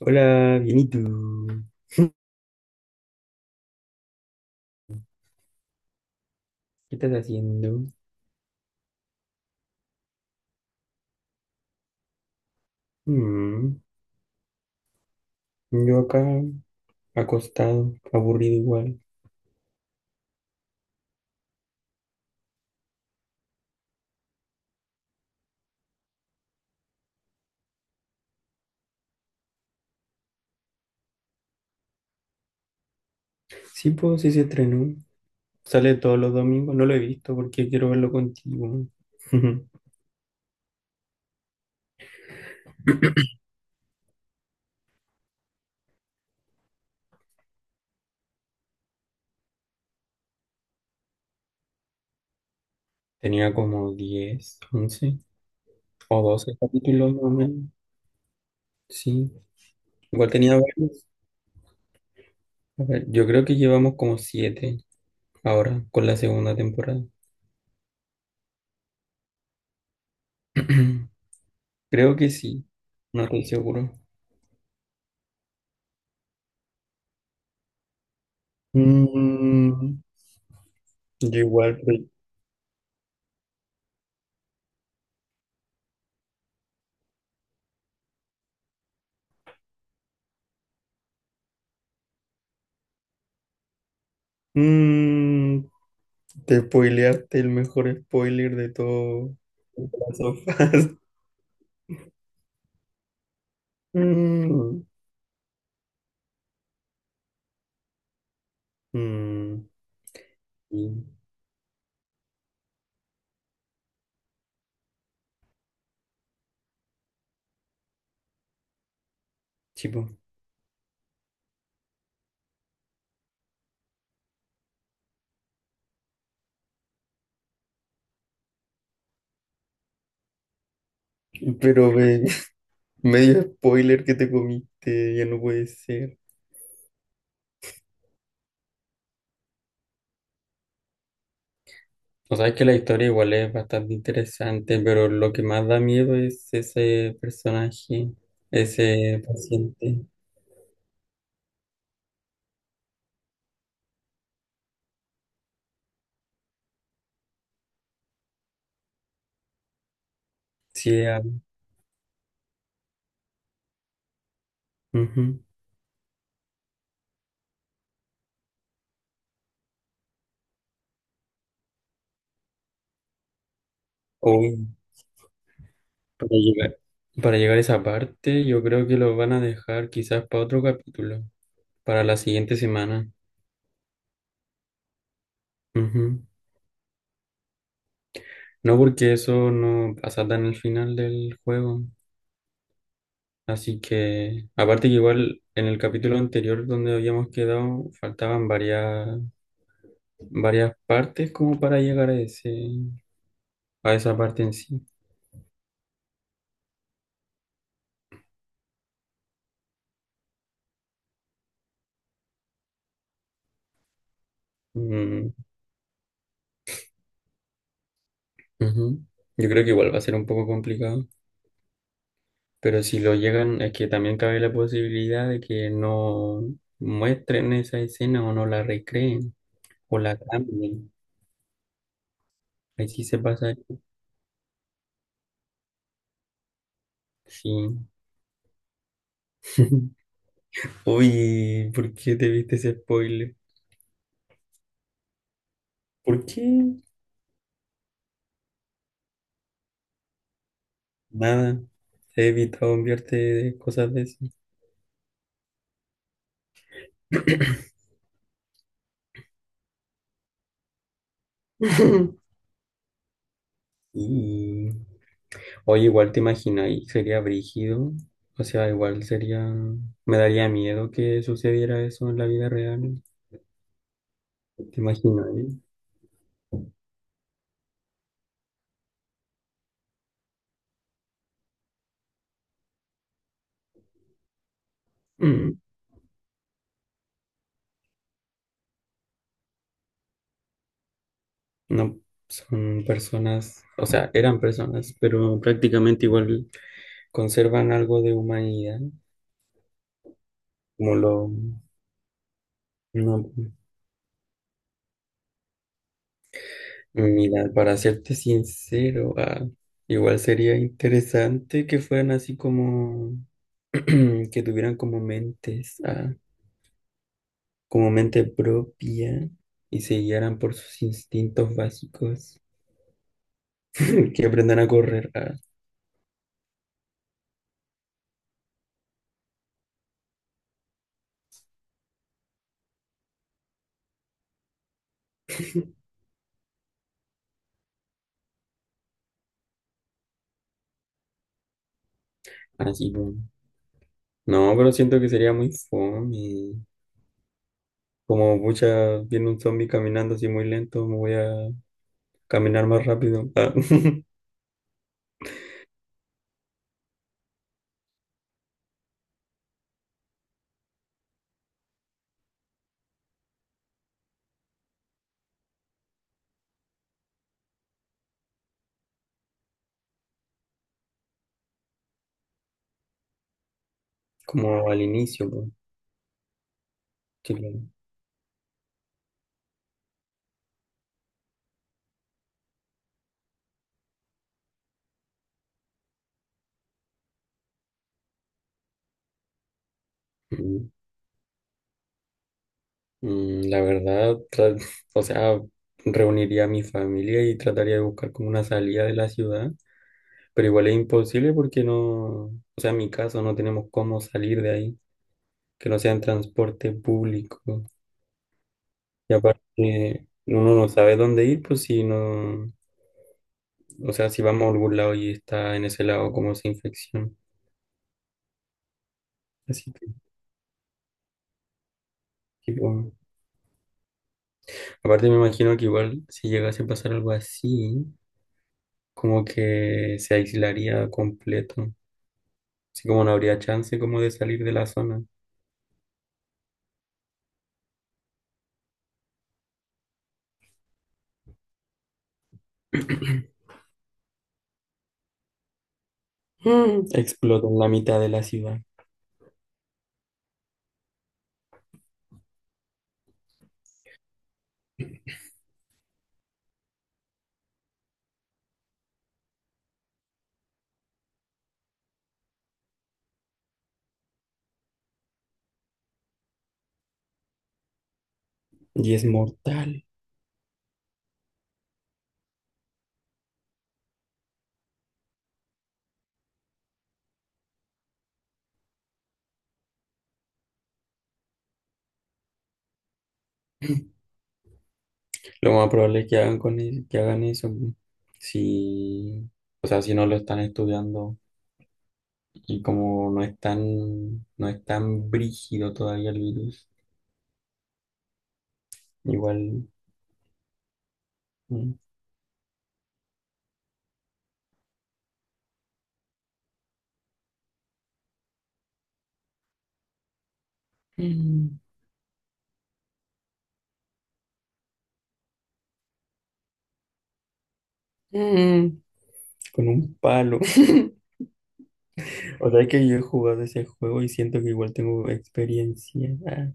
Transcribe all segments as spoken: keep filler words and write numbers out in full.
Hola, bien, ¿y tú? ¿Qué estás haciendo? Mm, yo acá, acostado, aburrido igual. Sí, pues sí se estrenó. Sale todos los domingos, no lo he visto porque quiero verlo contigo. Tenía como diez, once o doce capítulos más o menos. Sí, igual tenía varios. A ver, yo creo que llevamos como siete ahora con la segunda temporada. Creo que sí, no estoy seguro. Mm, yo igual, pues, Mm, te spoileaste el mejor spoiler de todo las sofás. Mm, mm, sí, chico. Pero ve, medio spoiler que te comiste, ya no puede ser. O sea, es que la historia igual es bastante interesante, pero lo que más da miedo es ese personaje, ese paciente. Sí, ah, ujú. Uy, para llegar, para llegar a esa parte, yo creo que lo van a dejar quizás para otro capítulo. Para la siguiente semana. Ujú. No, porque eso no pasa tan al final del juego. Así que, aparte que igual en el capítulo anterior donde habíamos quedado, faltaban varias, varias partes como para llegar a ese, a esa parte en sí. Mm, ujú. Yo creo que igual va a ser un poco complicado, pero si lo llegan, es que también cabe la posibilidad de que no muestren esa escena o no la recreen o la cambien. Ahí sí se pasa, sí. Uy, ¿por qué te viste ese spoiler? ¿Por qué? Nada. He evitado enviarte de cosas de esas. Y oye, igual te imaginas, y sería brígido. O sea, igual sería. Me daría miedo que sucediera eso en la vida real. ¿Te imaginas, eh? Mm, No, son personas. O sea, eran personas, pero prácticamente igual conservan algo de humanidad. Como lo. No, mira, para serte sincero, ah, igual sería interesante que fueran así como que tuvieran como mentes, ah, como mente propia y se guiaran por sus instintos básicos, que aprendan a correr, ah, así como. No, pero siento que sería muy fome. Como mucha, viene un zombie caminando así muy lento, me voy a caminar más rápido, ah, como al inicio, pues, sí, claro. Mm. Mm, La verdad, tra- o sea, reuniría a mi familia y trataría de buscar como una salida de la ciudad, pero igual es imposible porque no, o sea, en mi caso no tenemos cómo salir de ahí, que no sea en transporte público. Y aparte, uno no sabe dónde ir, pues si no, o sea, si vamos a algún lado y está en ese lado como esa infección. Así que, tipo, aparte me imagino que igual si llegase a pasar algo así, como que se aislaría completo. Así como no habría chance como de salir de la zona. Mm. Explota en la mitad de la ciudad y es mortal. Lo más probable es que hagan con e- que hagan eso, pu. Si, o sea, si no lo están estudiando y como no es tan, no es tan brígido todavía el virus, igual mm, mm. Mm, con un palo. O sea, es que yo he jugado ese juego y siento que igual tengo experiencia, ah,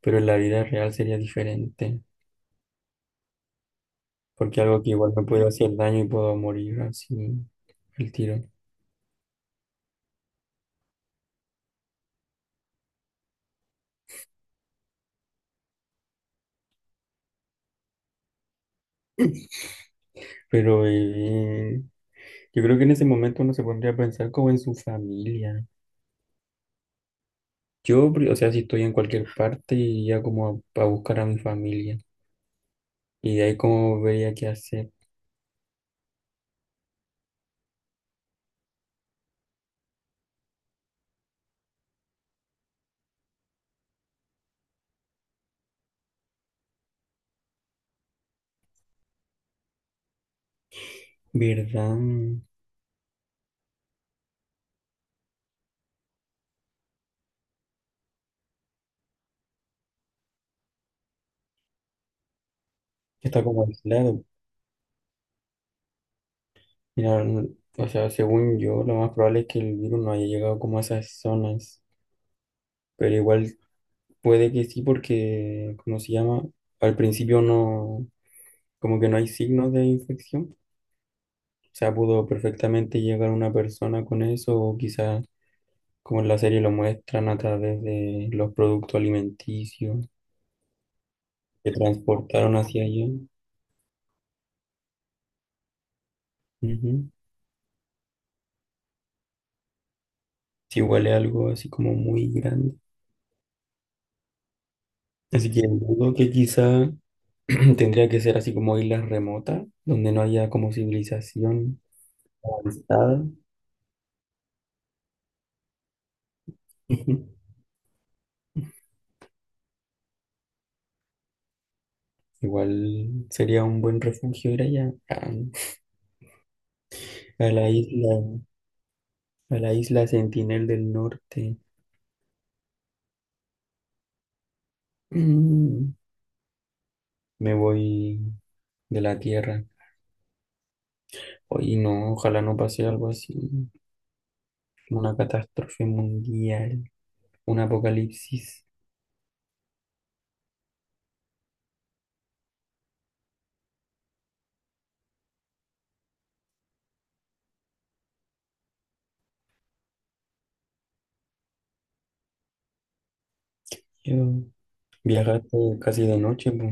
pero en la vida real sería diferente. Porque algo que igual me puede hacer daño y puedo morir así el tiro. Pero eh, yo creo que en ese momento uno se pondría a pensar como en su familia. Yo, pri- o sea, si estoy en cualquier parte, iría como a, a buscar a mi familia. Y de ahí como vería qué hacer. ¿Verdad? Está como aislado. Mira, n- o sea, según yo, lo más probable es que el virus no haya llegado como a esas zonas. Pero igual puede que sí porque, ¿cómo se llama? Al principio no, como que no hay signos de infección. O sea, pudo perfectamente llegar una persona con eso, o quizás, como en la serie lo muestran, a través de los productos alimenticios que transportaron hacia allá. Ujú. Si huele algo así como muy grande. Así que dudo que quizá tendría que ser así como islas remotas, donde no haya como civilización avanzada. Ujú. Igual sería un buen refugio ir allá, a a la isla, a la isla Sentinel del Norte. Mm, Me voy de la Tierra. Hoy no, ojalá no pase algo así, una catástrofe mundial, un apocalipsis. Yo viajaste casi de noche, po.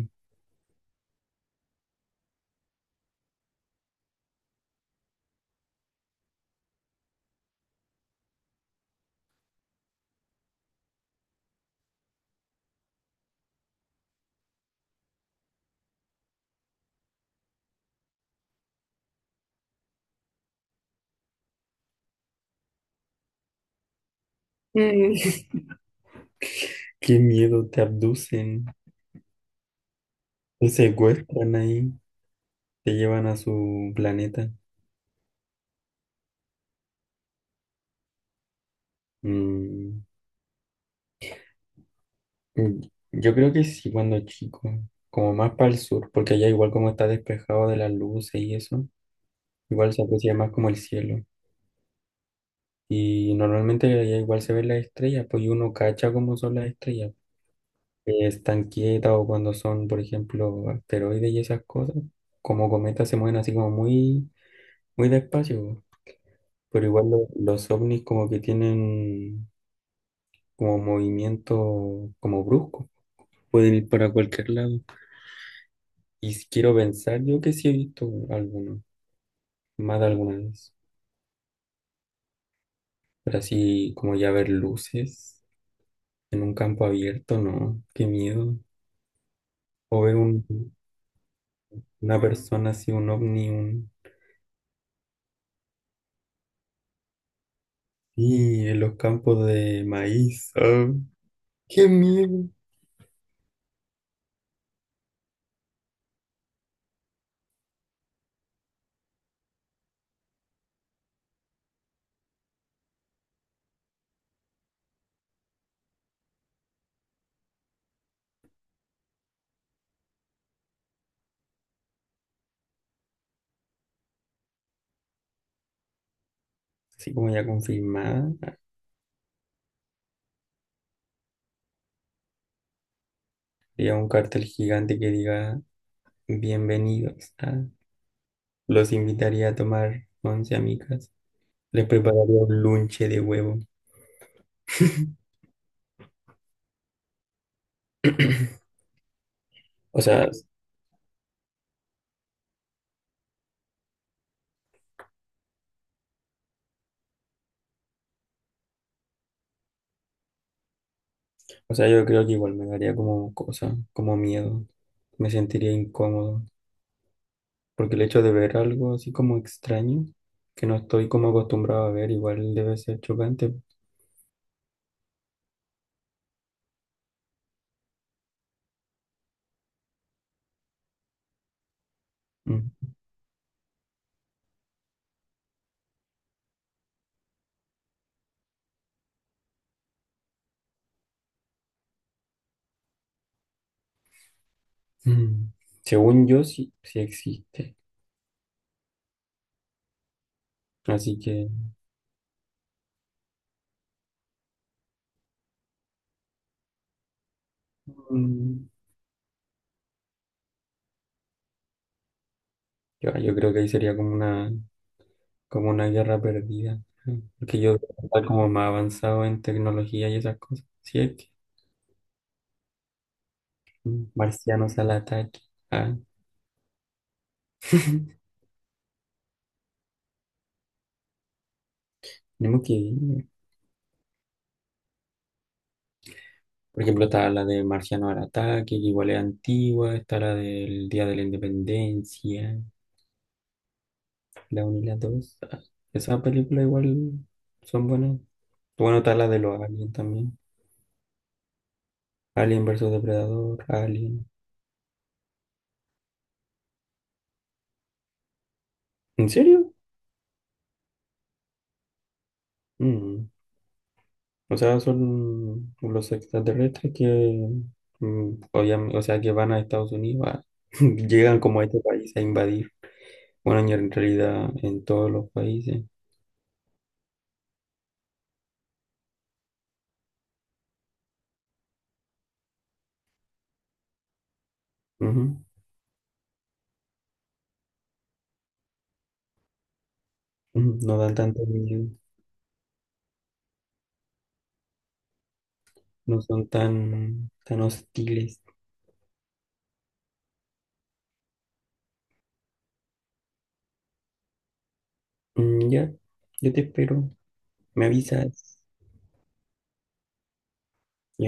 Mm. Qué miedo, te abducen, te secuestran ahí, te llevan a su planeta. Mm, mm, yo creo que sí, cuando chico, como más para el sur, porque allá igual como está despejado de las luces y eso, igual se aprecia más como el cielo. Y normalmente allá igual se ven las estrellas, pues y uno cacha cómo son las estrellas, que están quietas o cuando son, por ejemplo, asteroides y esas cosas, como cometas se mueven así como muy, muy despacio, po. Pero igual lo- los ovnis como que tienen como movimiento como brusco, pueden ir para cualquier lado. Y si quiero pensar, yo que sí he visto alguno, más de alguna vez, pero así como ya ver luces en un campo abierto, no, qué miedo. O ver un, una persona así, un ovni, un... Y en los campos de maíz, ah, ¡qué miedo! Así como ya confirmada, había un cartel gigante que diga, bienvenidos, ah, los invitaría a tomar once amigas. Les prepararía un lunche de huevo. O sea, o sea, yo creo que igual me daría como cosa, como miedo. Me sentiría incómodo. Porque el hecho de ver algo así como extraño, que no estoy como acostumbrado a ver, igual debe ser chocante. Mm. Mm, Según yo, sí, sí existe. Así que mm, yo, yo creo que ahí sería como una, como una guerra perdida, ¿no? Porque yo está como más avanzado en tecnología y esas cosas. Sí, es que mm, marcianos al ataque. Ah, tenemos que ir. Por ejemplo, está la de Marciano al ataque, que igual es antigua. Está la del Día de la Independencia, la uno y la dos. Ah, esas películas igual son buenas. Bueno, está la de los aliens también. Alien versus Depredador, Alien. ¿En serio? Mm. O sea, son los extraterrestres que, mm, obviam- o sea, que van a Estados Unidos, a- llegan como a este país a invadir. Bueno, y en realidad en todos los países. Ujú. Ujú. No dan tanto miedo, no son tan, tan hostiles. Mm, ya, yo te espero, me avisas. Ya.